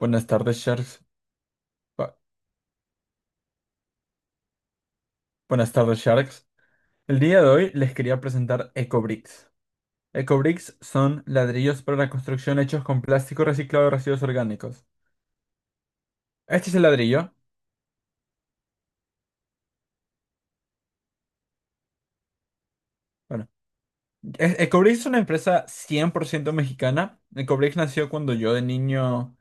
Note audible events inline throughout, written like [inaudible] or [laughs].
Buenas tardes, Sharks. Ba- Buenas tardes, Sharks. El día de hoy les quería presentar EcoBricks. EcoBricks son ladrillos para la construcción hechos con plástico reciclado de residuos orgánicos. Este es el ladrillo. Bueno, EcoBricks es una empresa 100% mexicana. EcoBricks nació cuando yo de niño.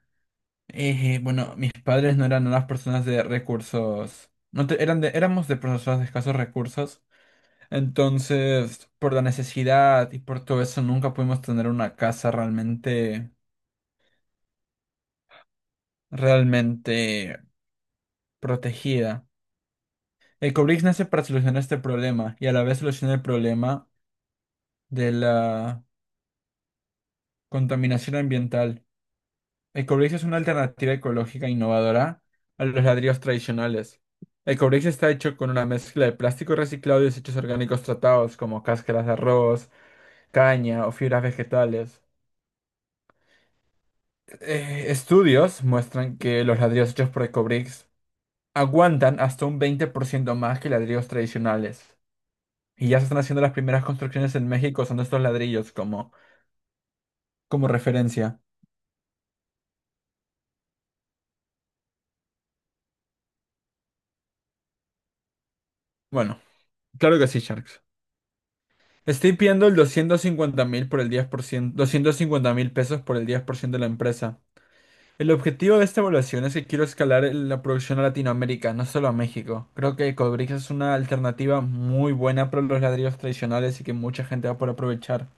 Bueno, mis padres no eran unas personas de recursos. No te- eran de- Éramos de personas de escasos recursos. Entonces, por la necesidad y por todo eso, nunca pudimos tener una casa realmente protegida. El Cobrix nace para solucionar este problema y a la vez soluciona el problema de la contaminación ambiental. El Cobrix es una alternativa ecológica innovadora a los ladrillos tradicionales. El Cobrix está hecho con una mezcla de plástico reciclado y desechos orgánicos tratados como cáscaras de arroz, caña o fibras vegetales. Estudios muestran que los ladrillos hechos por Ecobricks aguantan hasta un 20% más que ladrillos tradicionales. Y ya se están haciendo las primeras construcciones en México, son estos ladrillos como referencia. Bueno, claro que sí, Sharks. Estoy pidiendo el 250,000 por el 10%, 250,000 pesos por el 10% de la empresa. El objetivo de esta evaluación es que quiero escalar la producción a Latinoamérica, no solo a México. Creo que Ecobricks es una alternativa muy buena para los ladrillos tradicionales y que mucha gente va a poder aprovechar.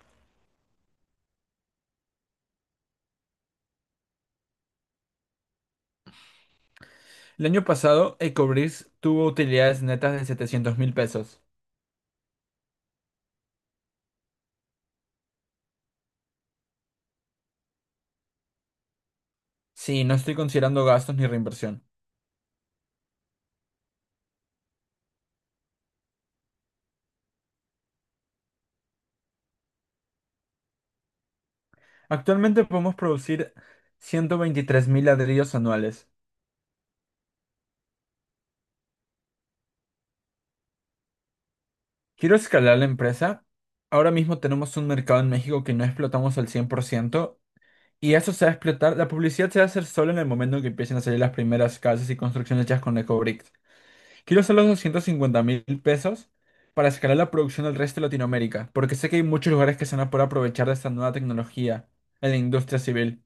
El año pasado, Ecobricks tuvo utilidades netas de 700,000 pesos. Sí, no estoy considerando gastos ni reinversión. Actualmente podemos producir 123,000 ladrillos anuales. Quiero escalar la empresa. Ahora mismo tenemos un mercado en México que no explotamos al 100% y eso se va a explotar. La publicidad se va a hacer solo en el momento en que empiecen a salir las primeras casas y construcciones hechas con EcoBricks. Quiero hacer los 250,000 pesos para escalar la producción del resto de Latinoamérica, porque sé que hay muchos lugares que se van a poder aprovechar de esta nueva tecnología en la industria civil.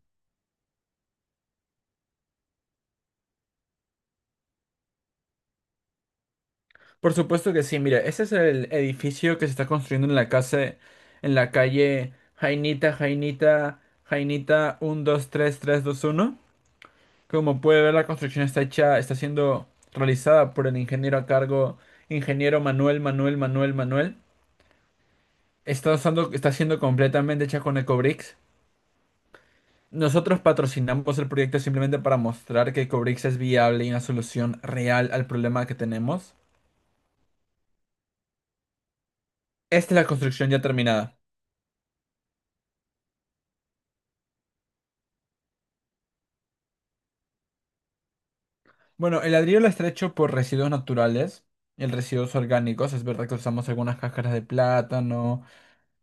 Por supuesto que sí, mira, ese es el edificio que se está construyendo en la casa, en la calle Jainita, Jainita, Jainita uno, dos, tres, tres, dos, uno. Como puede ver, la construcción está hecha, está siendo realizada por el ingeniero a cargo, ingeniero Manuel, Manuel, Manuel, Manuel. Está usando, está siendo completamente hecha con Ecobricks. Nosotros patrocinamos el proyecto simplemente para mostrar que Ecobricks es viable y una solución real al problema que tenemos. Esta es la construcción ya terminada. Bueno, el ladrillo lo está hecho por residuos naturales. El residuos orgánicos, es verdad que usamos algunas cáscaras de plátano,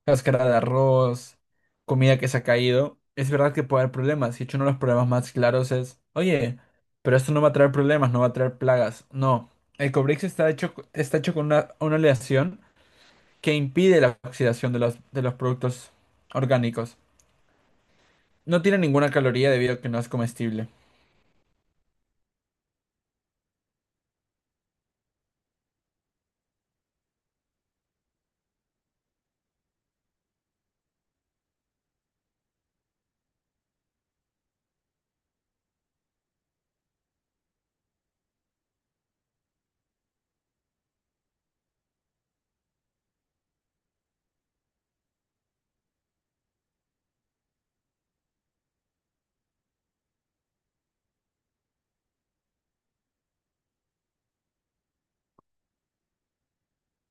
cáscara de arroz, comida que se ha caído. Es verdad que puede haber problemas. Y hecho, uno de los problemas más claros es, oye, pero esto no va a traer problemas, no va a traer plagas. No, el Cobrix está hecho con una aleación que impide la oxidación de los productos orgánicos. No tiene ninguna caloría debido a que no es comestible.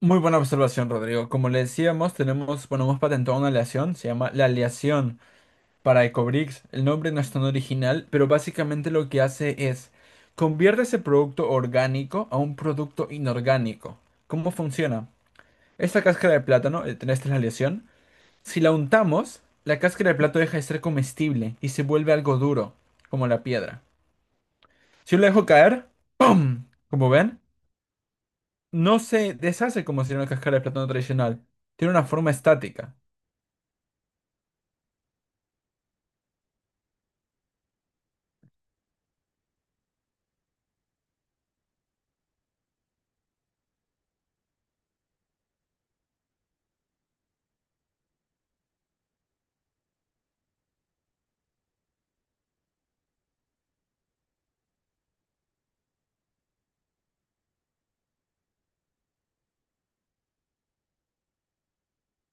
Muy buena observación, Rodrigo. Como le decíamos, tenemos, bueno, hemos patentado una aleación, se llama la aleación para Ecobricks. El nombre no es tan original, pero básicamente lo que hace es convierte ese producto orgánico a un producto inorgánico. ¿Cómo funciona? Esta cáscara de plátano, esta es la aleación. Si la untamos, la cáscara de plátano deja de ser comestible y se vuelve algo duro, como la piedra. Si yo la dejo caer, ¡pum! Como ven, no se deshace como si era una cáscara de plátano tradicional. Tiene una forma estática.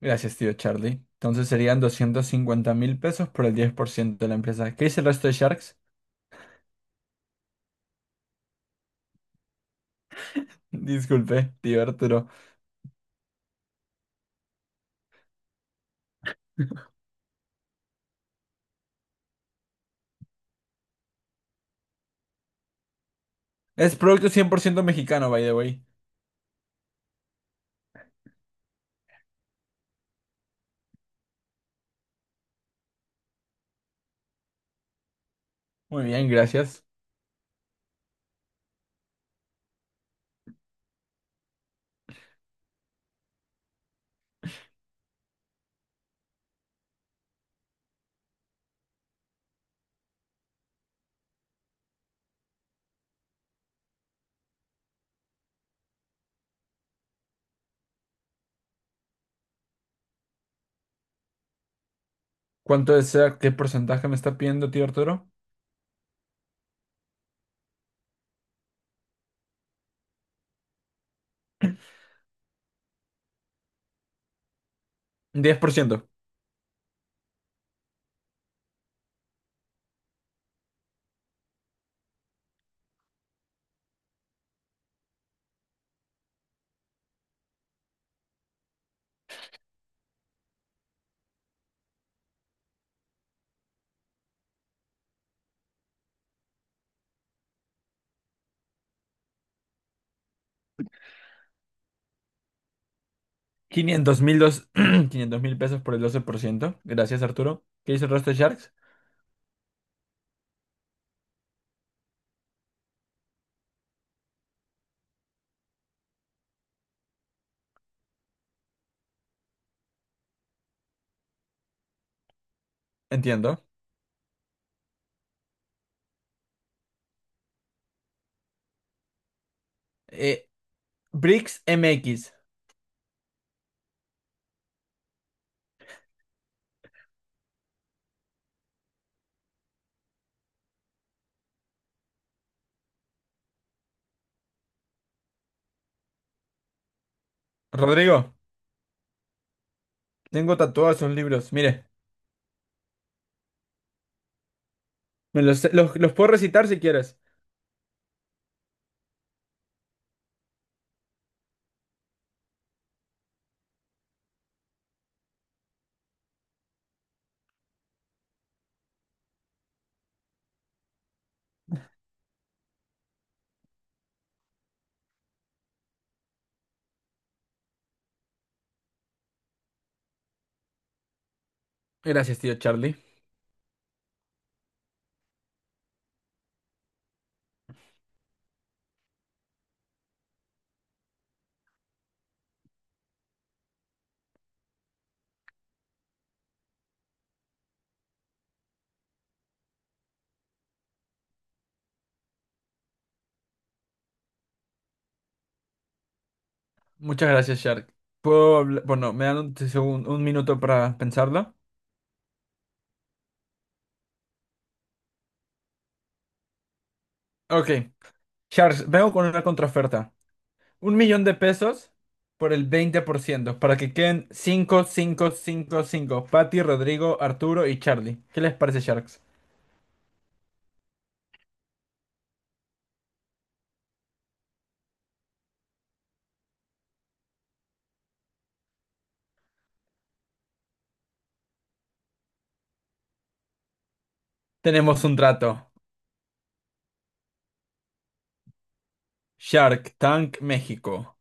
Gracias, tío Charlie. Entonces serían 250,000 pesos por el 10% de la empresa. ¿Qué dice el resto de Sharks? [laughs] Disculpe, tío Arturo. Es producto 100% mexicano, by the way. Muy bien, gracias. ¿Cuánto desea? ¿Qué porcentaje me está pidiendo, tío Arturo? 10%. Quinientos mil dos... [clears throat] 500,000 pesos por el 12%. Gracias, Arturo. ¿Qué dice el resto de Sharks? Entiendo. Eh, Bricks MX. Rodrigo, tengo tatuados esos libros. Mire, me los puedo recitar si quieres. Gracias, tío Charlie. Muchas gracias, Shark. Puedo bueno, me dan un minuto para pensarlo. Ok, Shark, vengo con una contraoferta. 1,000,000 pesos por el 20% para que queden 5, 5, 5, 5. Patty, Rodrigo, Arturo y Charlie. ¿Qué les parece, Sharks? Tenemos un trato. Shark Tank México.